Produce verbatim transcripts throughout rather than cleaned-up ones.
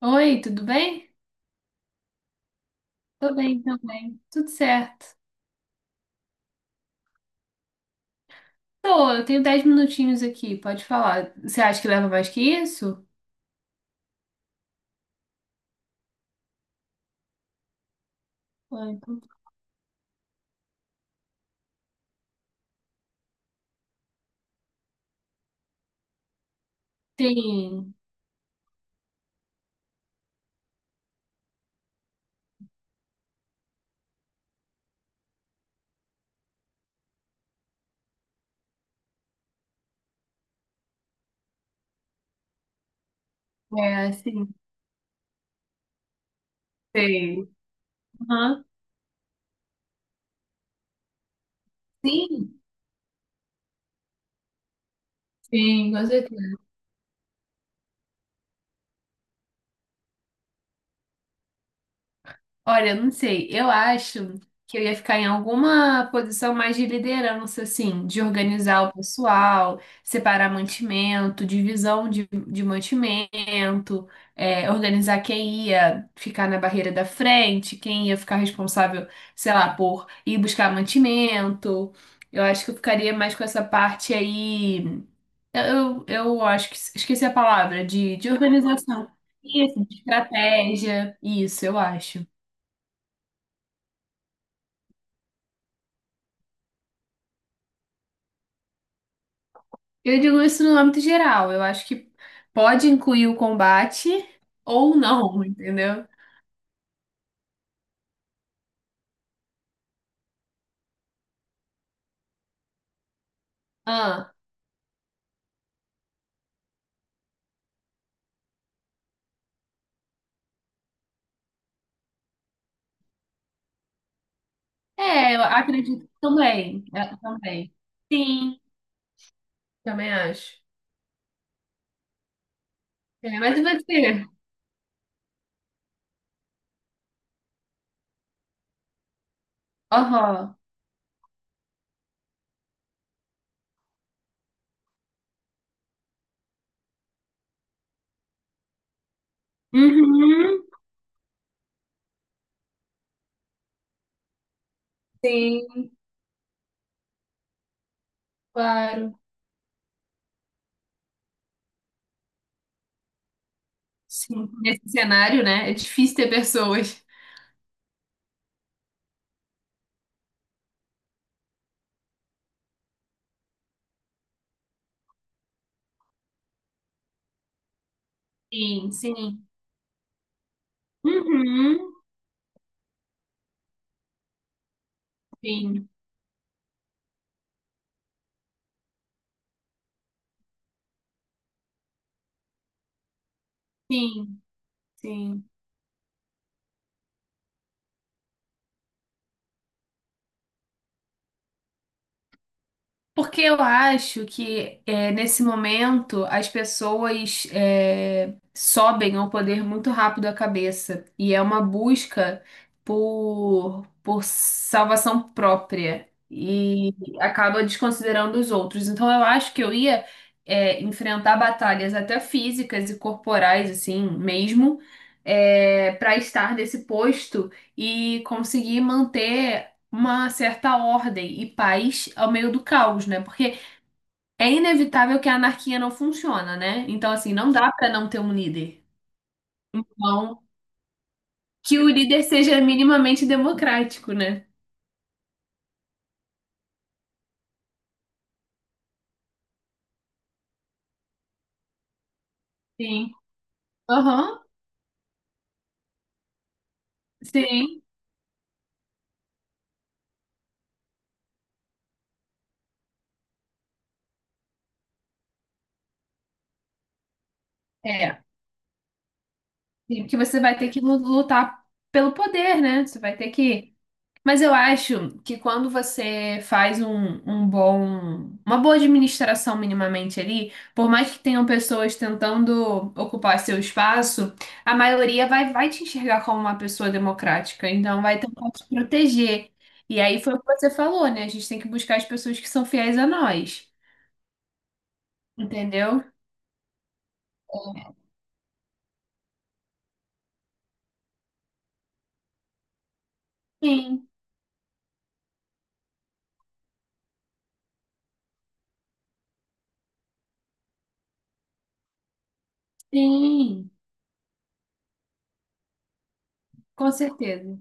Oi, tudo bem? Tô bem também. Tudo certo. Tô, eu tenho dez minutinhos aqui, pode falar. Você acha que leva mais que isso? Ah, então- Sim, é assim. Sim. Aham. Sim, sim, com certeza. Olha, eu não sei. Eu acho que eu ia ficar em alguma posição mais de liderança, assim, de organizar o pessoal, separar mantimento, divisão de, de mantimento, é, organizar quem ia ficar na barreira da frente, quem ia ficar responsável, sei lá, por ir buscar mantimento. Eu acho que eu ficaria mais com essa parte aí. Eu, eu, eu acho que esqueci a palavra, de, de organização. Isso, de estratégia. Isso, eu acho. Eu digo isso no âmbito geral. Eu acho que pode incluir o combate ou não, entendeu? Ah, é, eu acredito também. Eu também. Sim, também acho. É, mas e você? Aham. Uhum. Sim, claro. Sim. Nesse cenário, né? É difícil ter pessoas. Sim, sim. Uhum. Sim, sim, sim. Porque eu acho que é, nesse momento as pessoas é, sobem ao poder muito rápido a cabeça e é uma busca por, por salvação própria e acaba desconsiderando os outros. Então eu acho que eu ia é, enfrentar batalhas até físicas e corporais assim mesmo é, para estar nesse posto e conseguir manter uma certa ordem e paz ao meio do caos, né? Porque é inevitável que a anarquia não funciona, né? Então, assim, não dá para não ter um líder. Então, que o líder seja minimamente democrático, né? Sim. Aham, sim. É. Sim, porque você vai ter que lu- lutar pelo poder, né? Você vai ter que... Mas eu acho que quando você faz um, um bom, uma boa administração minimamente ali, por mais que tenham pessoas tentando ocupar seu espaço, a maioria vai, vai te enxergar como uma pessoa democrática, então vai tentar te proteger. E aí foi o que você falou, né? A gente tem que buscar as pessoas que são fiéis a nós, entendeu? É. Sim, sim, com certeza.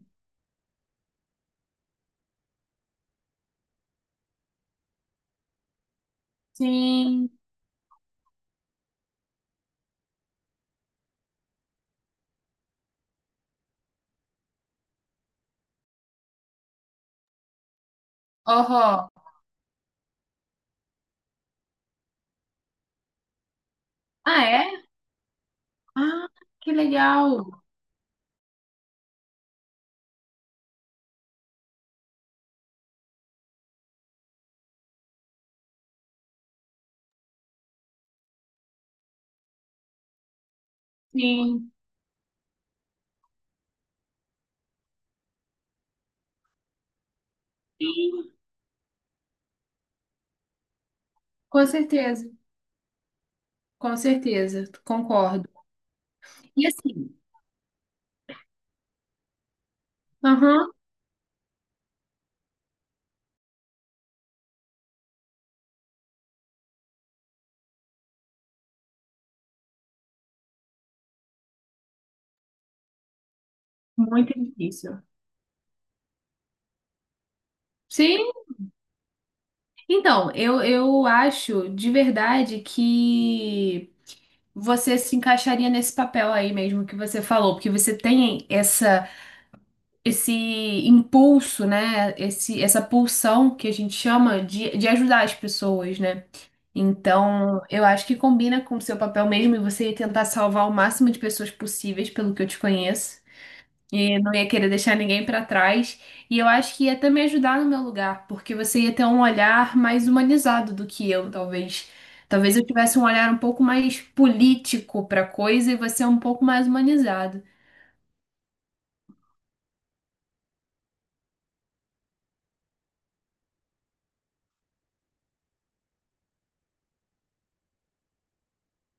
Sim. Aham. Ah, é? Ah, que legal. Sim. Sim. Com certeza, com certeza, concordo. E assim, aham, muito difícil. Sim, então, eu, eu acho de verdade que você se encaixaria nesse papel aí mesmo que você falou, porque você tem essa, esse impulso, né? Esse, essa pulsão que a gente chama de, de ajudar as pessoas, né? Então, eu acho que combina com o seu papel mesmo e você ia tentar salvar o máximo de pessoas possíveis, pelo que eu te conheço. E não ia querer deixar ninguém pra trás. E eu acho que ia até me ajudar no meu lugar, porque você ia ter um olhar mais humanizado do que eu, talvez. Talvez eu tivesse um olhar um pouco mais político pra coisa e você um pouco mais humanizado.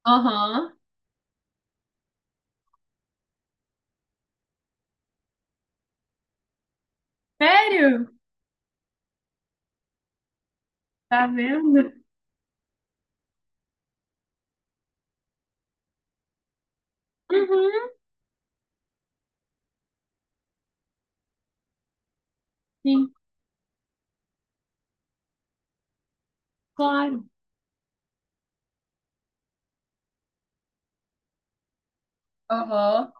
Aham. Sério? Tá vendo? Uhum, sim, claro. Aham.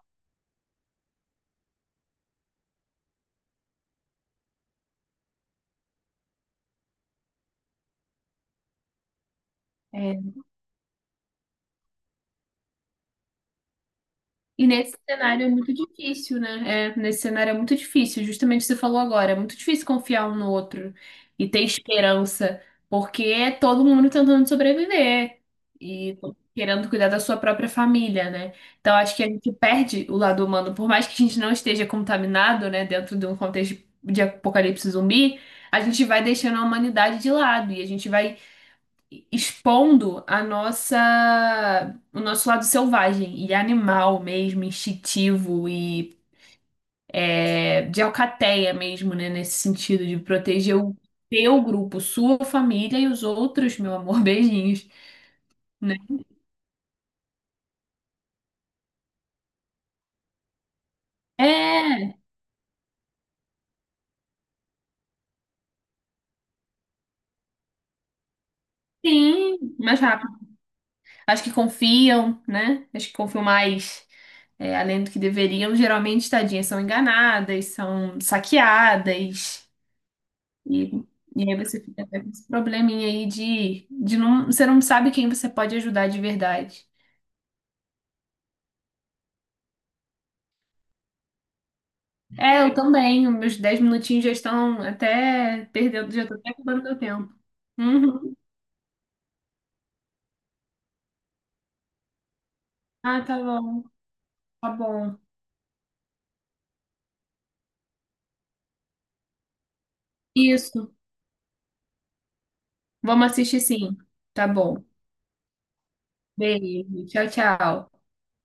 É. E nesse cenário é muito difícil, né? É, nesse cenário é muito difícil, justamente o que você falou agora, é muito difícil confiar um no outro e ter esperança, porque é todo mundo tentando sobreviver e querendo cuidar da sua própria família, né? Então acho que a gente perde o lado humano, por mais que a gente não esteja contaminado, né, dentro de um contexto de apocalipse zumbi, a gente vai deixando a humanidade de lado e a gente vai expondo a nossa, o nosso lado selvagem e animal mesmo, instintivo e é, de alcateia mesmo, né? Nesse sentido de proteger o teu grupo, sua família e os outros, meu amor, beijinhos, né? É, sim, mais rápido. Acho que confiam, né? Acho que confiam mais. É, além do que deveriam, geralmente, tadinhas, são enganadas, são saqueadas. E, e aí você fica até com esse probleminha aí de, de não, você não sabe quem você pode ajudar de verdade. É, eu também, os meus dez minutinhos já estão até perdendo, já estou até acabando meu tempo. Uhum. Ah, tá bom, tá bom. Isso, vamos assistir sim. Tá bom. Beijo, tchau, tchau.